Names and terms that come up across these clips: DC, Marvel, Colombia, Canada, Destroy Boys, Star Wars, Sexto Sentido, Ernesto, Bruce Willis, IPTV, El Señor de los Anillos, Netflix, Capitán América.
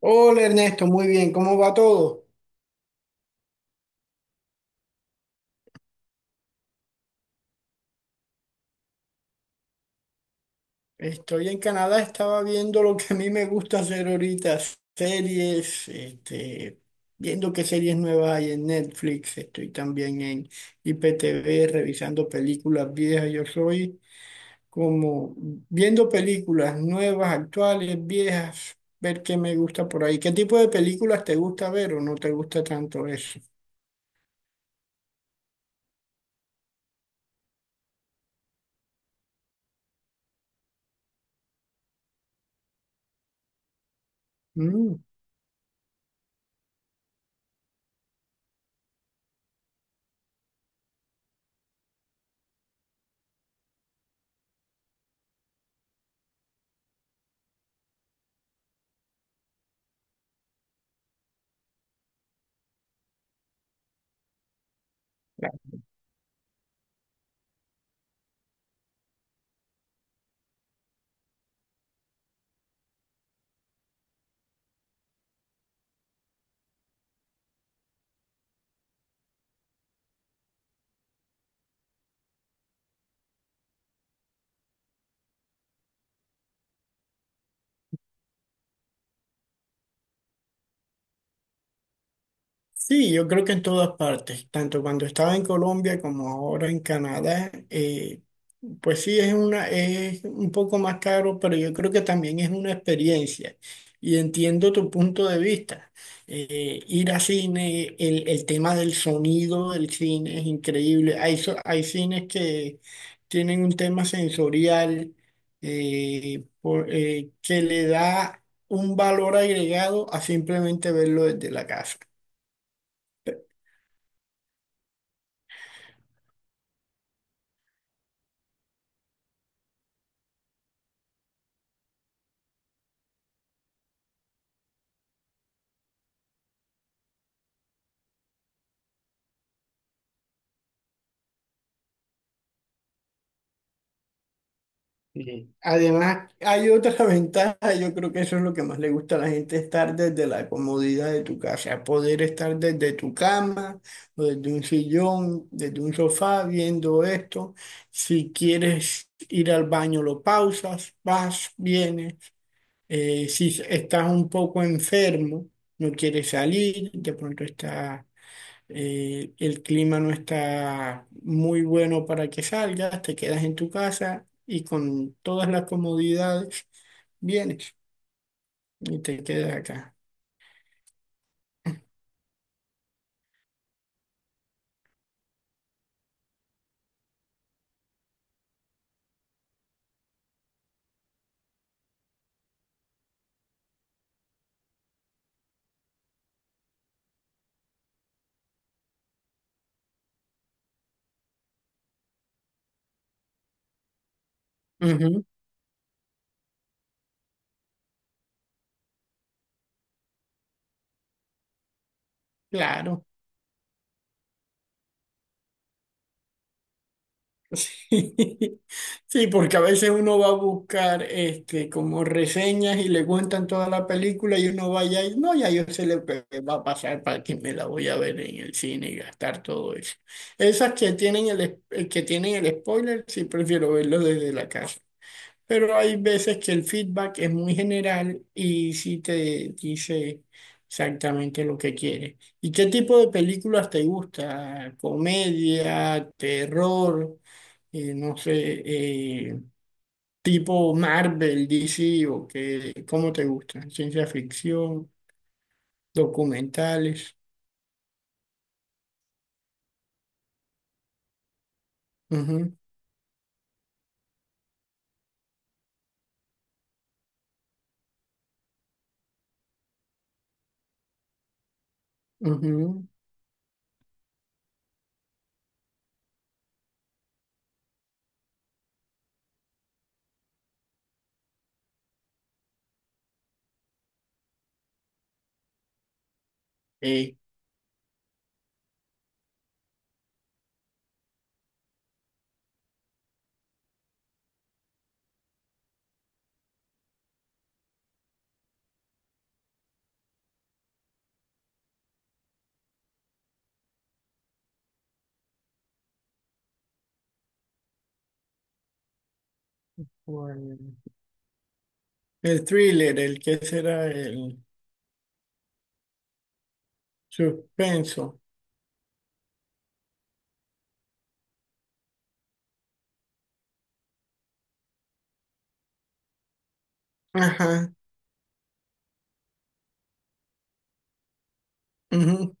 Hola Ernesto, muy bien, ¿cómo va todo? Estoy en Canadá, estaba viendo lo que a mí me gusta hacer ahorita, series, este, viendo qué series nuevas hay en Netflix, estoy también en IPTV revisando películas viejas, yo soy como viendo películas nuevas, actuales, viejas, ver qué me gusta por ahí. ¿Qué tipo de películas te gusta ver o no te gusta tanto eso? Mm. Sí, yo creo que en todas partes, tanto cuando estaba en Colombia como ahora en Canadá, pues sí es una, es un poco más caro, pero yo creo que también es una experiencia. Y entiendo tu punto de vista. Ir a cine, el tema del sonido del cine es increíble. Hay, hay cines que tienen un tema sensorial que le da un valor agregado a simplemente verlo desde la casa. Sí. Además, hay otra ventaja, yo creo que eso es lo que más le gusta a la gente, estar desde la comodidad de tu casa, poder estar desde tu cama o desde un sillón, desde un sofá viendo esto. Si quieres ir al baño, lo pausas, vas, vienes. Si estás un poco enfermo, no quieres salir, de pronto estás el clima no está muy bueno para que salgas, te quedas en tu casa y con todas las comodidades vienes y te quedas acá. Ujú, claro. Sí, porque a veces uno va a buscar este, como reseñas y le cuentan toda la película y uno vaya y no, ya yo sé lo que va a pasar para que me la voy a ver en el cine y gastar todo eso. Esas que tienen que tienen el spoiler, sí prefiero verlo desde la casa. Pero hay veces que el feedback es muy general y sí te dice exactamente lo que quiere. ¿Y qué tipo de películas te gusta? ¿Comedia, terror, no sé, eh, tipo Marvel, DC o qué, cómo te gusta? ¿Ciencia ficción, documentales? Ujú, ujú. Eh, bueno, el thriller, el que será el suspenso. Ajá, ujú.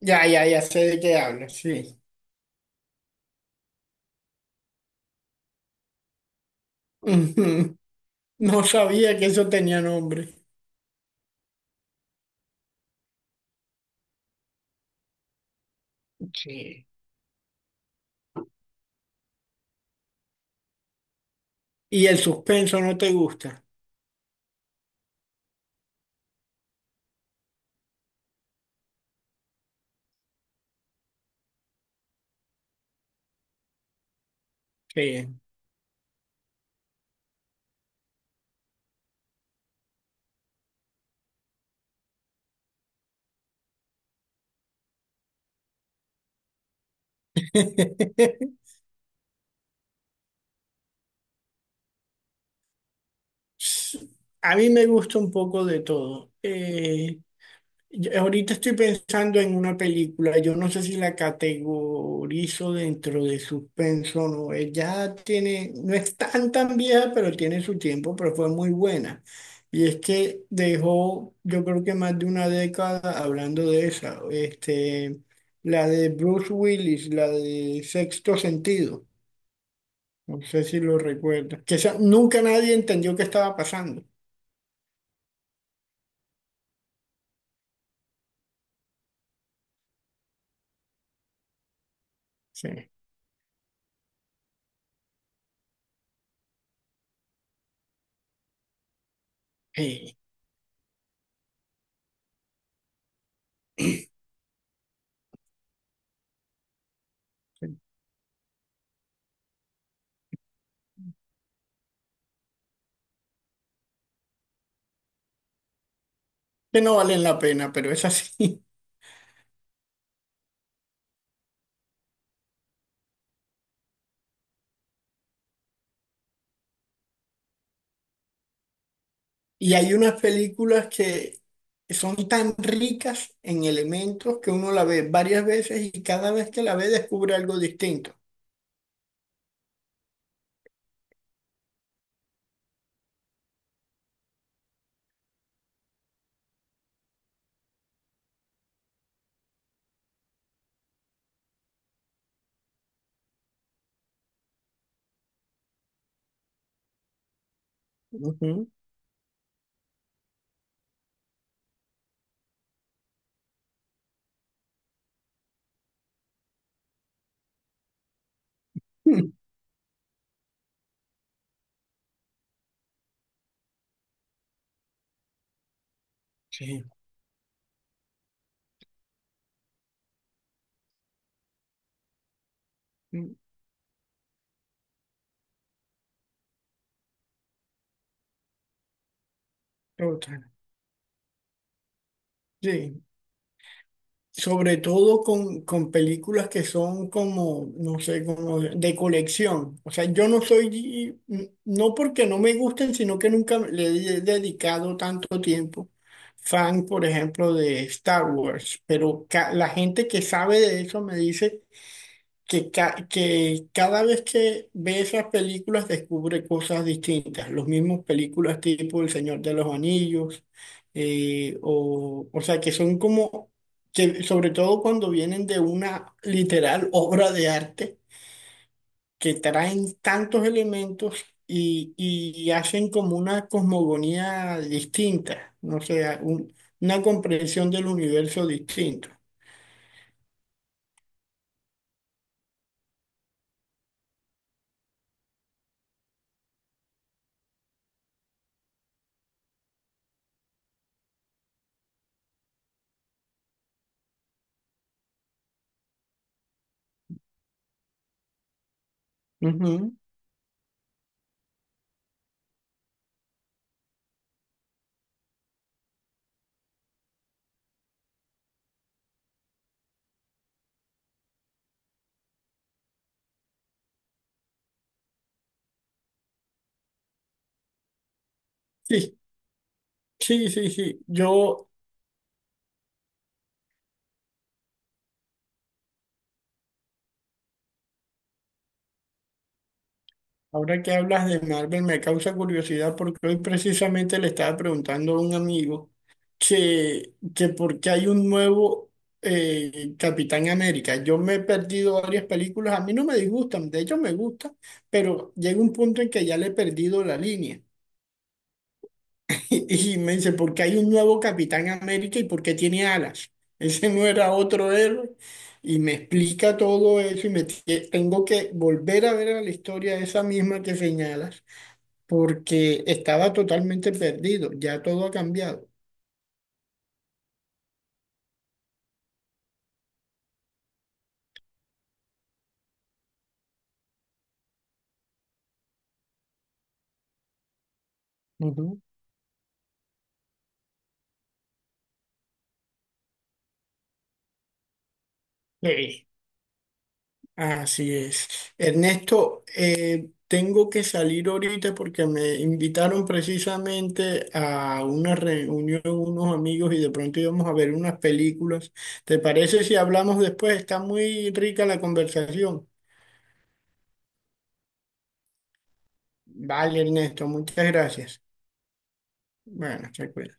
Ya, ya, ya sé de qué hablas, sí. Ujú. No sabía que eso tenía nombre. Sí. Y el suspenso no te gusta. Sí. A mí me gusta un poco de todo. Yo ahorita estoy pensando en una película, yo no sé si la categorizo dentro de suspenso o no. Ella tiene, no es tan tan vieja, pero tiene su tiempo, pero fue muy buena. Y es que dejó, yo creo que más de una década hablando de esa, este, la de Bruce Willis, la de Sexto Sentido, no sé si lo recuerdas, que nunca nadie entendió qué estaba pasando. Sí. Eh, que no valen la pena, pero es así. Y hay unas películas que son tan ricas en elementos que uno la ve varias veces y cada vez que la ve descubre algo distinto. Ujú. Mm, sí, mm, otra. Sí. Sobre todo con películas que son como, no sé, como de colección. O sea, yo no soy, mm, no porque no me gusten, sino que nunca le he dedicado tanto tiempo. Fan, por ejemplo, de Star Wars, pero la gente que sabe de eso me dice que, que cada vez que ve esas películas descubre cosas distintas, los mismos películas tipo El Señor de los Anillos, o sea, que son como, que sobre todo cuando vienen de una literal obra de arte, que traen tantos elementos y hacen como una cosmogonía distinta, no sea un- una comprensión del universo distinto. Ujú. Sí, sí, sí, sí. Yo. Ahora que hablas de Marvel me causa curiosidad porque hoy precisamente le estaba preguntando a un amigo que por qué hay un nuevo Capitán América. Yo me he perdido varias películas, a mí no me disgustan, de hecho me gustan, pero llega un punto en que ya le he perdido la línea. Y, y me dice, ¿por qué hay un nuevo Capitán América y por qué tiene alas? Ese no era otro héroe. Y me explica todo eso y me tengo que volver a ver a la historia esa misma que señalas porque estaba totalmente perdido, ya todo ha cambiado. Ujú. Sí. Así es. Ernesto, tengo que salir ahorita porque me invitaron precisamente a una reunión unos amigos y de pronto íbamos a ver unas películas. ¿Te parece si hablamos después? Está muy rica la conversación. Vale, Ernesto, muchas gracias. Bueno, se cuida.